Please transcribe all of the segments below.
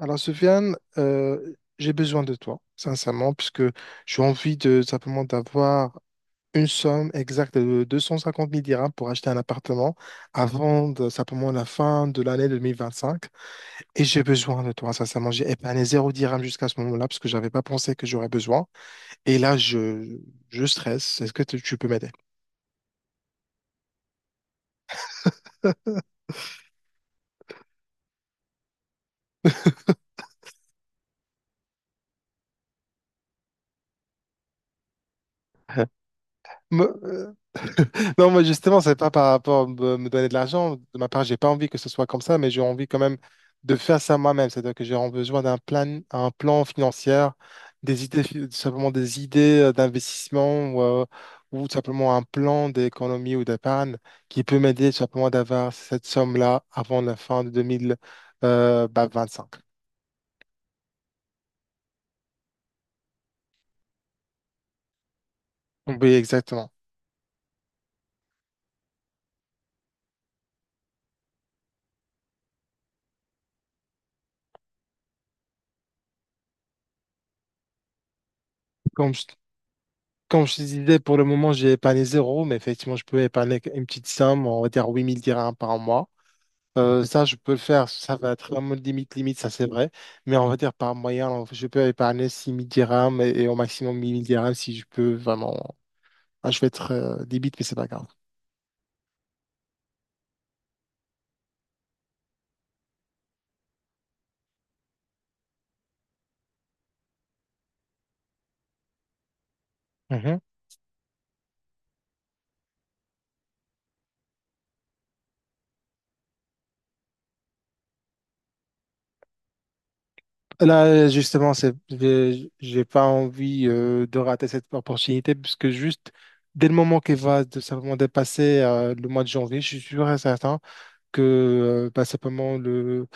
Alors, Soufiane, j'ai besoin de toi, sincèrement, puisque j'ai envie de simplement d'avoir une somme exacte de 250 000 dirhams pour acheter un appartement avant simplement la fin de l'année 2025. Et j'ai besoin de toi, sincèrement. J'ai épargné 0 dirham jusqu'à ce moment-là, parce que je n'avais pas pensé que j'aurais besoin. Et là, je stresse. Est-ce que tu peux m'aider? Non, moi justement, c'est pas par rapport à me donner de l'argent. De ma part, j'ai pas envie que ce soit comme ça, mais j'ai envie quand même de faire ça moi-même. C'est-à-dire que j'ai besoin d'un plan, un plan financier, des idées, simplement des idées d'investissement ou tout simplement un plan d'économie ou d'épargne qui peut m'aider tout simplement d'avoir cette somme-là avant la fin de 2025. Oui, exactement. Comme je, comme je te disais, pour le moment, j'ai épargné zéro, mais effectivement, je peux épargner une petite somme, on va dire 8 000 dirhams par mois. Ça, je peux le faire. Ça va être vraiment limite, limite, ça c'est vrai. Mais on va dire par moyen, je peux épargner 6 000 dirhams et au maximum 1 000 dirhams si je peux vraiment. Ah, je vais être débite, mais c'est pas grave. Mhm. Là, justement, c'est, j'ai pas envie de rater cette opportunité puisque juste dès le moment qu'elle va simplement dépasser le mois de janvier, je suis sûr et certain que bah, simplement le,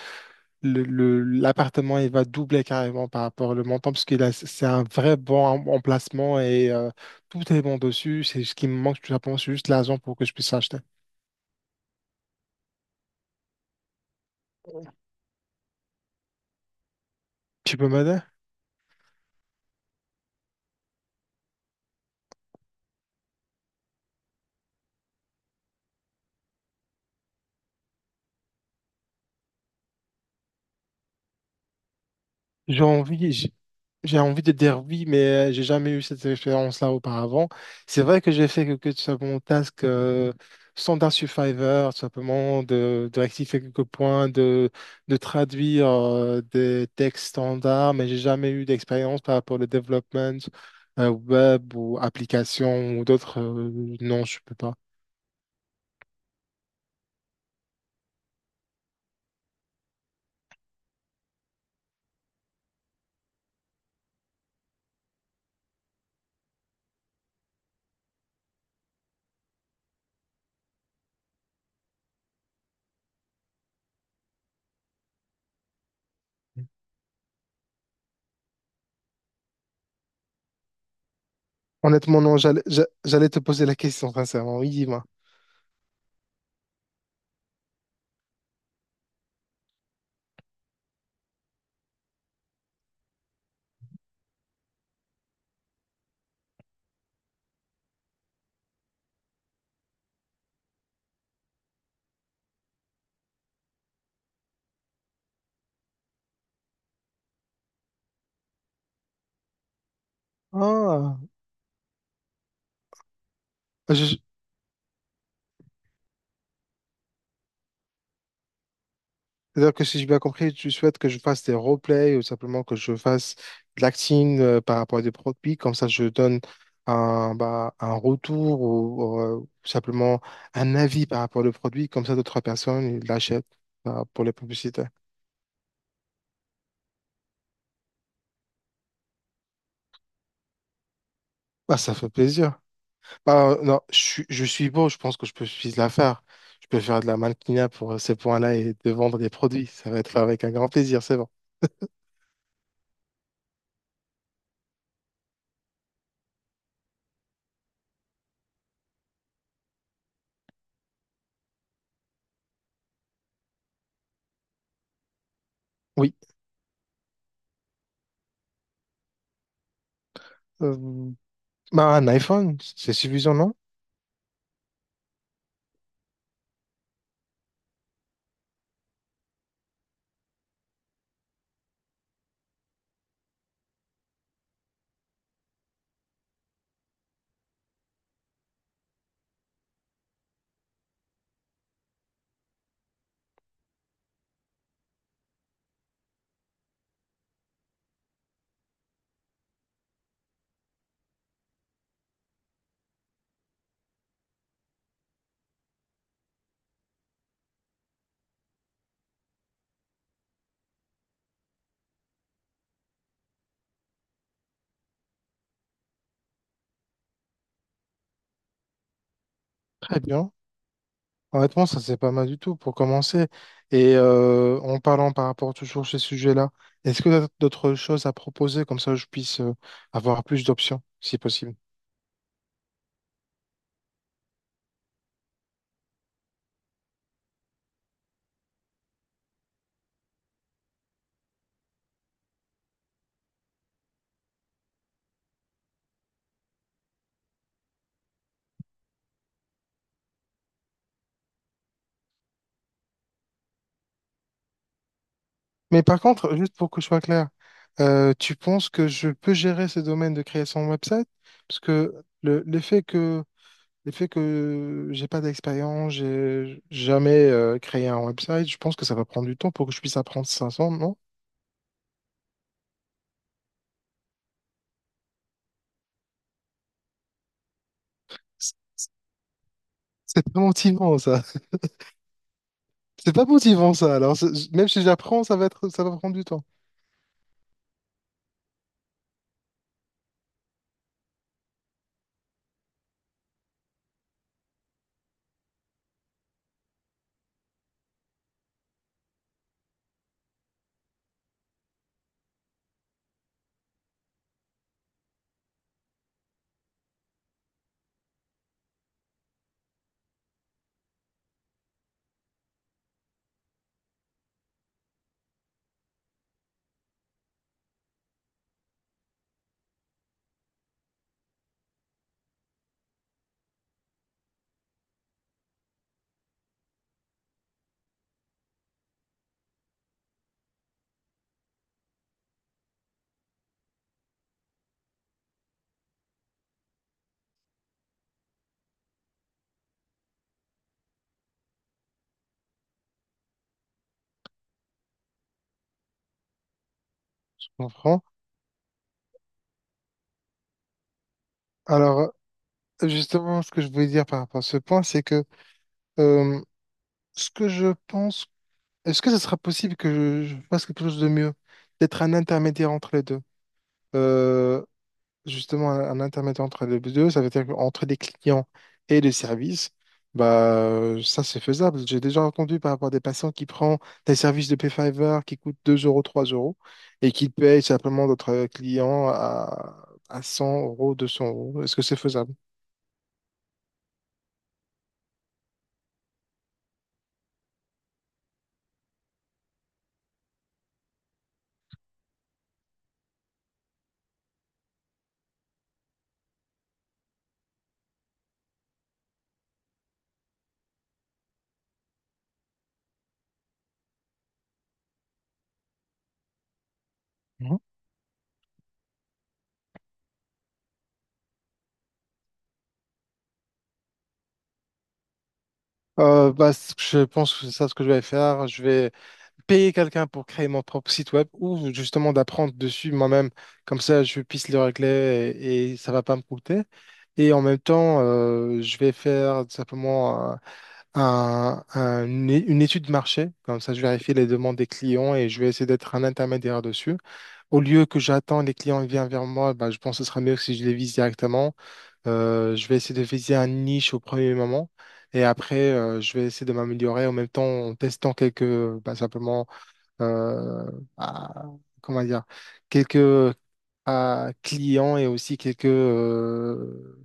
le, le- l'appartement il va doubler carrément par rapport au montant parce qu'il a c'est un vrai bon emplacement et tout est bon dessus. C'est ce qui me manque tout simplement, c'est juste l'argent pour que je puisse l'acheter. Tu peux m'aider? J'ai envie, J'ai envie de dire oui, mais j'ai jamais eu cette expérience-là auparavant. C'est vrai que j'ai fait quelques simplement tasks standard Survivor, tout simplement de rectifier quelques points, de traduire des textes standards, mais j'ai jamais eu d'expérience par rapport au développement web ou application ou d'autres. Non, je peux pas. Honnêtement, non, j'allais te poser la question, sincèrement. Oui, dis-moi. Ah. C'est-à-dire que si j'ai bien compris, tu souhaites que je fasse des roleplays ou simplement que je fasse de l'acting par rapport à des produits, comme ça je donne bah, un retour ou simplement un avis par rapport au produit, comme ça d'autres personnes ils l'achètent bah, pour les publicités. Bah, ça fait plaisir. Bah, non, je suis beau, je pense que je peux suffire la faire. Je peux faire de la mannequinat pour ces points-là et de vendre des produits. Ça va être fait avec un grand plaisir, c'est bon. Oui. Euh, Bah, un iPhone, c'est suffisant, non? Très bien. Honnêtement, ça c'est pas mal du tout pour commencer. Et en parlant par rapport toujours à ces sujets-là, est-ce que tu as d'autres choses à proposer comme ça je puisse avoir plus d'options si possible? Mais par contre, juste pour que je sois clair, tu penses que je peux gérer ces domaines de création de website? Parce que le, le fait que le fait que j'ai pas d'expérience, j'ai jamais créé un website, je pense que ça va prendre du temps pour que je puisse apprendre 500, non? C'est c'est pas motivant ça. C'est pas motivant ça. Alors même si j'apprends, ça va prendre du temps. Je comprends. Alors justement, ce que je voulais dire par rapport à ce point, c'est que euh, ce que je pense, est-ce que ce sera possible que je fasse quelque chose de mieux? D'être un intermédiaire entre les deux. Euh, Justement un intermédiaire entre les deux, ça veut dire qu'entre les clients et les services, bah, ça c'est faisable. J'ai déjà entendu par rapport à des patients qui prennent des services de Payfiver qui coûtent 2 euros, 3 € et qui payent simplement d'autres clients à 100 euros, 200 euros. Est-ce que c'est faisable? Mhm. Bah, ce que je pense que c'est ça ce que je vais faire. Je vais payer quelqu'un pour créer mon propre site web ou justement d'apprendre dessus moi-même. Comme ça, je puisse le régler et ça va pas me coûter. Et en même temps, je vais faire tout simplement une étude de marché. Comme ça, je vérifie les demandes des clients et je vais essayer d'être un intermédiaire dessus. Au lieu que j'attends les clients viennent vers moi, bah, je pense que ce sera mieux que si je les vise directement. Je vais essayer de viser un niche au premier moment. Et après, je vais essayer de m'améliorer en même temps en testant quelques, bah, simplement euh, à, comment dire, quelques clients et aussi quelques euh,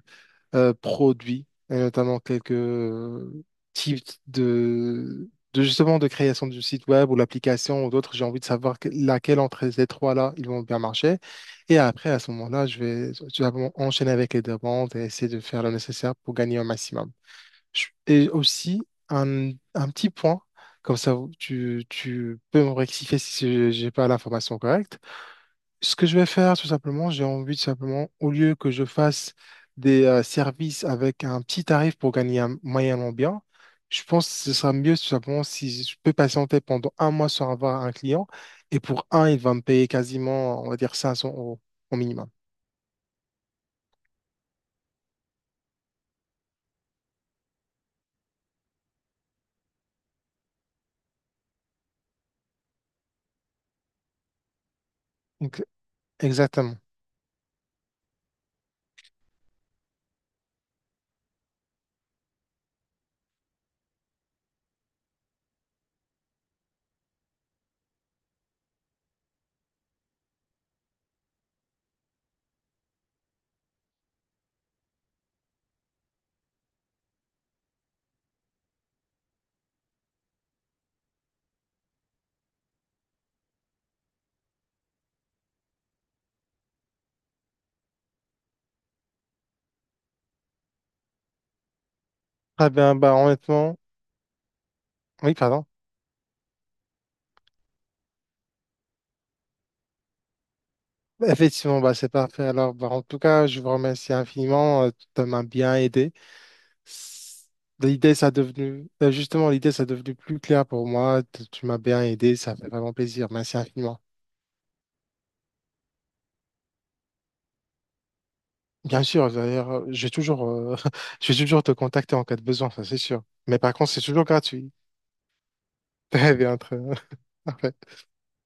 euh, produits, et notamment quelques types de justement de création du site web ou l'application ou d'autres. J'ai envie de savoir laquelle entre ces trois-là, ils vont bien marcher. Et après, à ce moment-là, je vais enchaîner avec les demandes et essayer de faire le nécessaire pour gagner au maximum. Et aussi, un petit point, comme ça tu peux me rectifier si j'ai pas l'information correcte. Ce que je vais faire, tout simplement, j'ai envie de simplement, au lieu que je fasse des services avec un petit tarif pour gagner un moyennement bien, je pense que ce sera mieux tout simplement si je peux patienter pendant un mois sans avoir un client. Et pour un, il va me payer quasiment, on va dire, 500 € au minimum. Donc, exactement. Très bien, bah honnêtement, oui, pardon. Effectivement, bah, c'est parfait. Alors, bah, en tout cas, je vous remercie infiniment. Tu m'as bien aidé. S- L'idée, ça a devenu, justement, l'idée, ça a devenu plus clair pour moi. Tu m'as bien aidé. Ça fait vraiment plaisir. Merci infiniment. Bien sûr, d'ailleurs, je vais toujours te contacter en cas de besoin, ça c'est sûr. Mais par contre, c'est toujours gratuit. Très bien, très bien.